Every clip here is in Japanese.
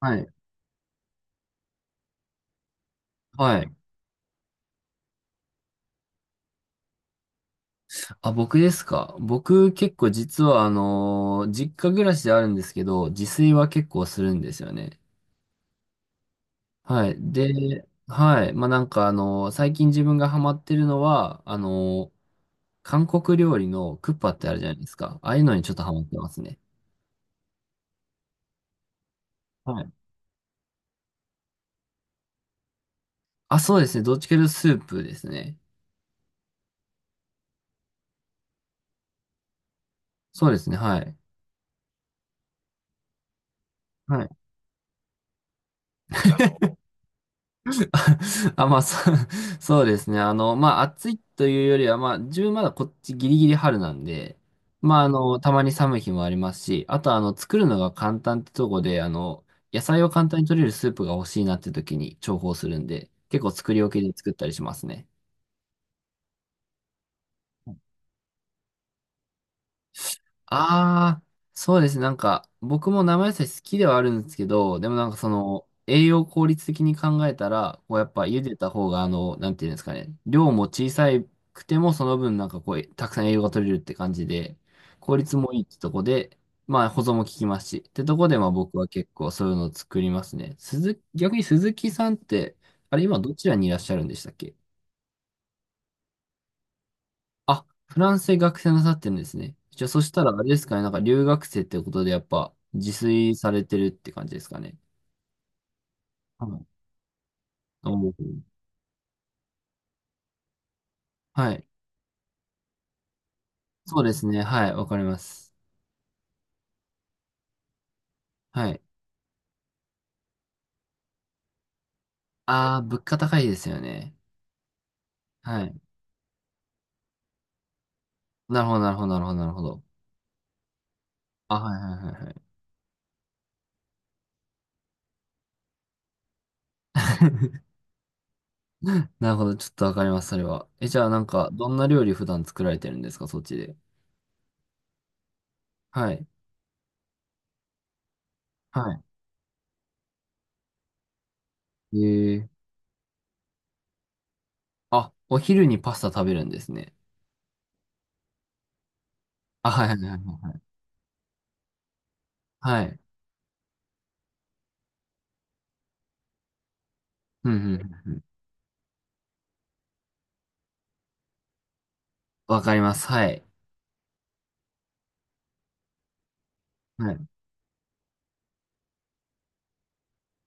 はい。はい。あ、僕ですか。僕結構実は実家暮らしではあるんですけど、自炊は結構するんですよね。はい。で、はい。まあ、なんか最近自分がハマってるのは、韓国料理のクッパってあるじゃないですか。ああいうのにちょっとハマってますね。はい。あ、そうですね。どっちかというとスープですね。そうですね。はい。はい。 あ、まあ、そう、そうですね。あの、まあ、暑いというよりは、まあ、自分まだこっちギリギリ春なんで、まあ、あの、たまに寒い日もありますし、あと、あの、作るのが簡単ってとこで、あの、野菜を簡単に取れるスープが欲しいなって時に重宝するんで、結構作り置きで作ったりしますね。ああ、そうですね。なんか、僕も生野菜好きではあるんですけど、でもなんかその、栄養効率的に考えたら、こうやっぱ茹でた方が、なんていうんですかね、量も小さくても、その分なんかこう、たくさん栄養が取れるって感じで、効率もいいってとこで、まあ保存も効きますし、ってとこで、まあ僕は結構そういうのを作りますね。逆に鈴木さんって、あれ今どちらにいらっしゃるんでしたっけ？あ、フランスで学生なさってるんですね。じゃあ、そしたらあれですかね、なんか留学生ってことでやっぱ自炊されてるって感じですかね。はい。おー。はい。そうですね。はい。わかります。はい。ああ、物価高いですよね。はい。なるほど、なるほど、なるほど、なるほど。あ、はい、はい、はい、はい。なるほど。ちょっとわかります、それは。え、じゃあ、なんか、どんな料理普段作られてるんですか、そっちで。はい。はい。えー。あ、お昼にパスタ食べるんですね。あ、はい、はい、はい。はい。はい。うん、うん。うん。わかります。はい。はい。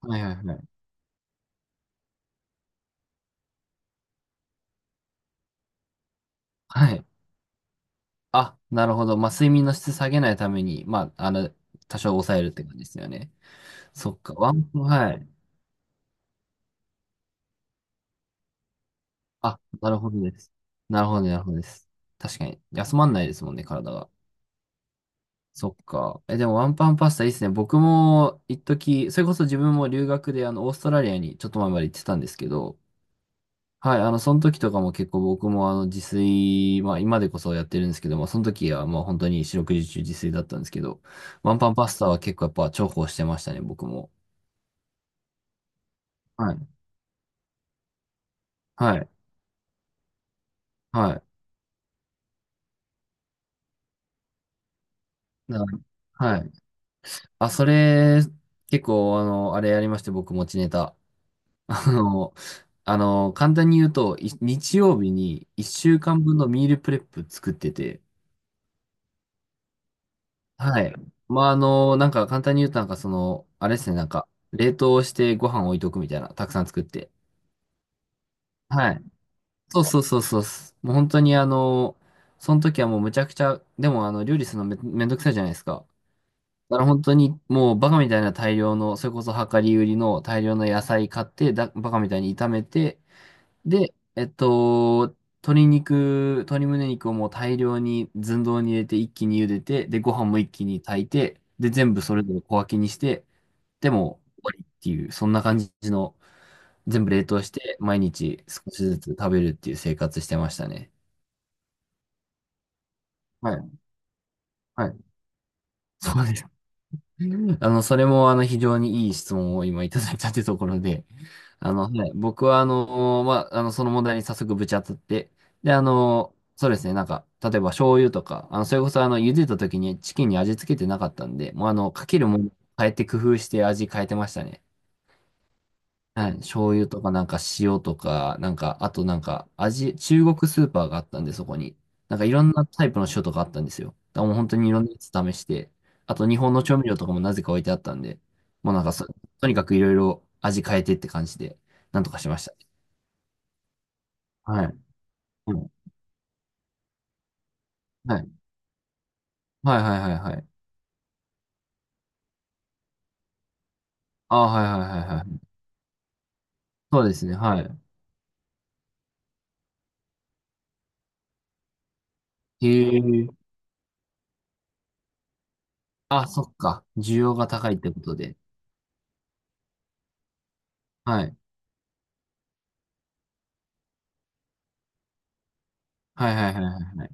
はいはいはい。はい。あ、なるほど。まあ、睡眠の質下げないために、まあ、多少抑えるって感じですよね。そっか。はい。あ、なるほどです。なるほど、なるほどです。確かに。休まんないですもんね、体が。そっか。え、でもワンパンパスタいいですね。僕も、一時、それこそ自分も留学で、あの、オーストラリアにちょっと前まで行ってたんですけど、はい、あの、その時とかも結構僕もあの自炊、まあ今でこそやってるんですけども、その時はもう本当に四六時中自炊だったんですけど、ワンパンパスタは結構やっぱ重宝してましたね、僕も。はい。はい。はい。だから、はい。あ、それ、結構あの、あれやりまして、僕持ちネタ。あの、あの、簡単に言うと、日曜日に一週間分のミールプレップ作ってて、はい。まあ、あの、なんか簡単に言うと、なんかその、あれですね、なんか、冷凍してご飯置いとくみたいな、たくさん作って。はい。そうそうそうそうっす。もう本当にあの、その時はもうむちゃくちゃ、でもあの、料理するのめんどくさいじゃないですか。だから本当にもうバカみたいな大量の、それこそ量り売りの大量の野菜買って、バカみたいに炒めて、で、鶏肉、鶏胸肉をもう大量に寸胴に入れて一気に茹でて、で、ご飯も一気に炊いて、で、全部それぞれ小分けにして、でもう終わりっていう、そんな感じの、全部冷凍して、毎日少しずつ食べるっていう生活してましたね。はい。はい。そうです。あの、それも、あの、非常にいい質問を今いただいたというところで、あの、はい、僕は、まあ、あの、その問題に早速ぶち当たって、で、そうですね、なんか、例えば醤油とか、あの、それこそ、あの、茹でた時にチキンに味付けてなかったんで、もう、あの、かけるもの変えて工夫して味変えてましたね。はい、醤油とか、なんか塩とか、なんか、あとなんか、味、中国スーパーがあったんで、そこに。なんか、いろんなタイプの塩とかあったんですよ。だからもう本当にいろんなやつ試して、あと、日本の調味料とかもなぜか置いてあったんで、もうなんかそ、とにかくいろいろ味変えてって感じで、なんとかしました。はい。うん。はい。はいはいはいはい。ああ、はいはいはいはい。そうですね。はい。へえ。あ、そっか。需要が高いってことで。はい。はいはいはいはい。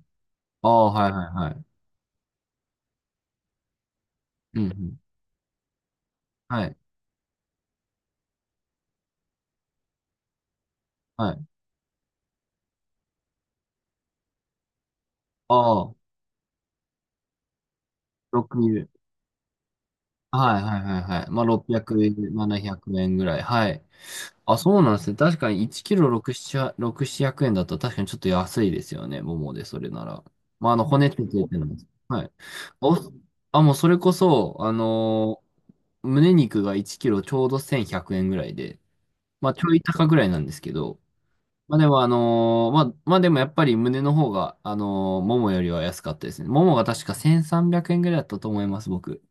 ああ、はいはいはい。うんうん。はい。はい。ああ、六はいはいはいはい。まあ、600円、700円ぐらい。はい。あ、そうなんですね。確かに1キロ6、7、6、700円だと確かにちょっと安いですよね。ももで、それなら。まあ、あの、骨ついてるってのも。はい。お、あ、もうそれこそ、胸肉が1キロちょうど1100円ぐらいで、まあ、ちょい高ぐらいなんですけど、まあ、でも、まあ、まあ、でもやっぱり胸の方が、ももよりは安かったですね。ももが確か1300円ぐらいだったと思います、僕。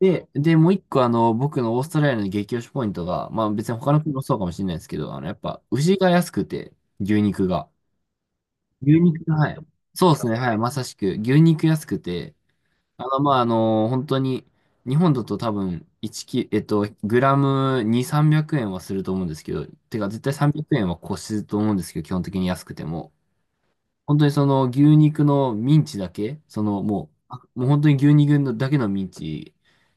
で、で、もう一個あの、僕のオーストラリアの激推しポイントが、まあ別に他の国もそうかもしれないですけど、あの、やっぱ牛が安くて、牛肉が。牛肉が、はい。そうですね、はい、まさしく、牛肉安くて、あの、まああの、本当に、日本だと多分、1キ、グラム2、300円はすると思うんですけど、てか絶対300円は越すと思うんですけど、基本的に安くても。本当にその牛肉のミンチだけ、そのもう、もう本当に牛肉のだけのミンチ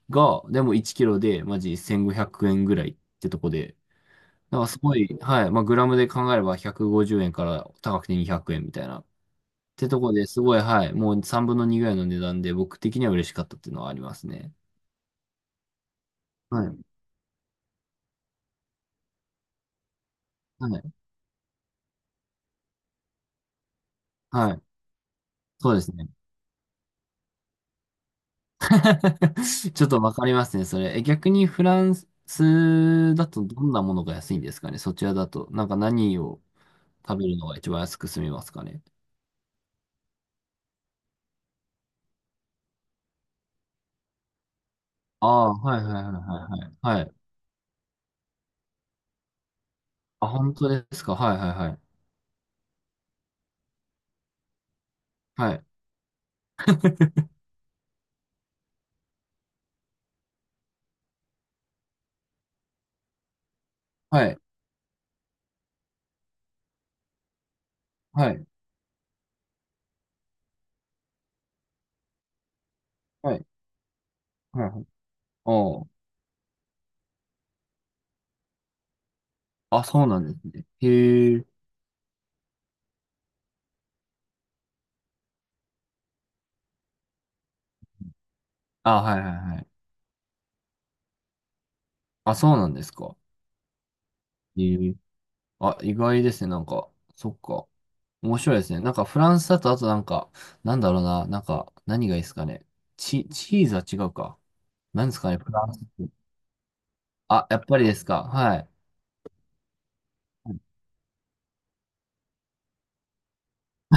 が、でも1キロでマジ1500円ぐらいってとこで、なんかすごい、はい、まあグラムで考えれば150円から高くて200円みたいな。ってとこですごい、はい、もう3分の2ぐらいの値段で僕的には嬉しかったっていうのはありますね。はい、はい、はい、そうですね。ちょっとわかりますね、それ。え、逆にフランスだとどんなものが安いんですかね、そちらだと。なんか何を。食べるのが一番安く済みますかね。ああ、はいはいはいはいはい。はい。あ、本当ですか。はいはいはい。はい。はい。はい。はい。はいはいはいはいはい。おー。あ、そうなんですね。へえ。あ、はいはいはい。あ、そうなんですか。へえ。あ、意外ですね。なんか、そっか。面白いですね。なんかフランスだと、あとなんか、なんだろうな。なんか、何がいいですかね。チーズは違うか。なんですかね、フランスって。あ、やっぱりですか。はい。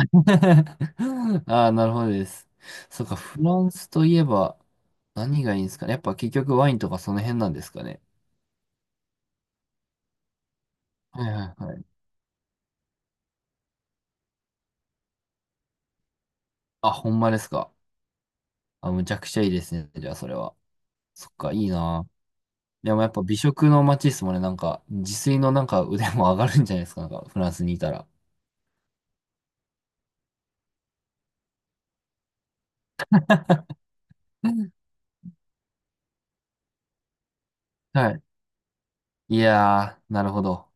ああ、なるほどです。そっか、フランスといえば何がいいんですかね。やっぱ結局ワインとかその辺なんですかね。はいはいはい。あ、ほんまですか。あ、むちゃくちゃいいですね。じゃあそれは。そっか、いいな。でもやっぱ美食の街ですもんね。なんか、自炊のなんか腕も上がるんじゃないですか。なんか、フランスにいたら。うん。はい。いやー、なるほど。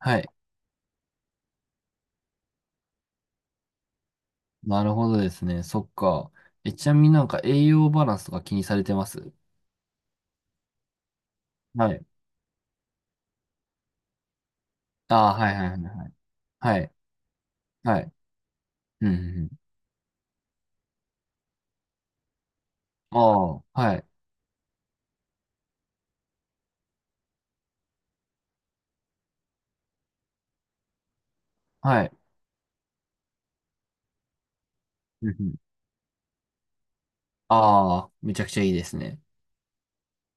はい。なるほどですね。そっか。え、ちなみになんか栄養バランスとか気にされてます？はい。ああ、はいはいはいはい。はい。はい。うんうん。ああ、はい。はい。うんうん。ああ、めちゃくちゃいいですね。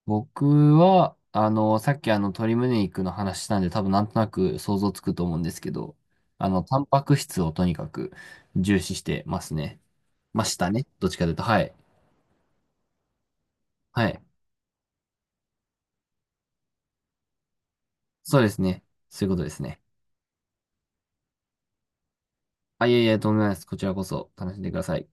僕は、あの、さっきあの、鶏胸肉の話したんで、多分なんとなく想像つくと思うんですけど、あの、タンパク質をとにかく重視してますね。ましたね。どっちかというと、はい。はい。そうですね。そういうことですね。あ、いえいえ、とんでもないです。こちらこそ楽しんでください。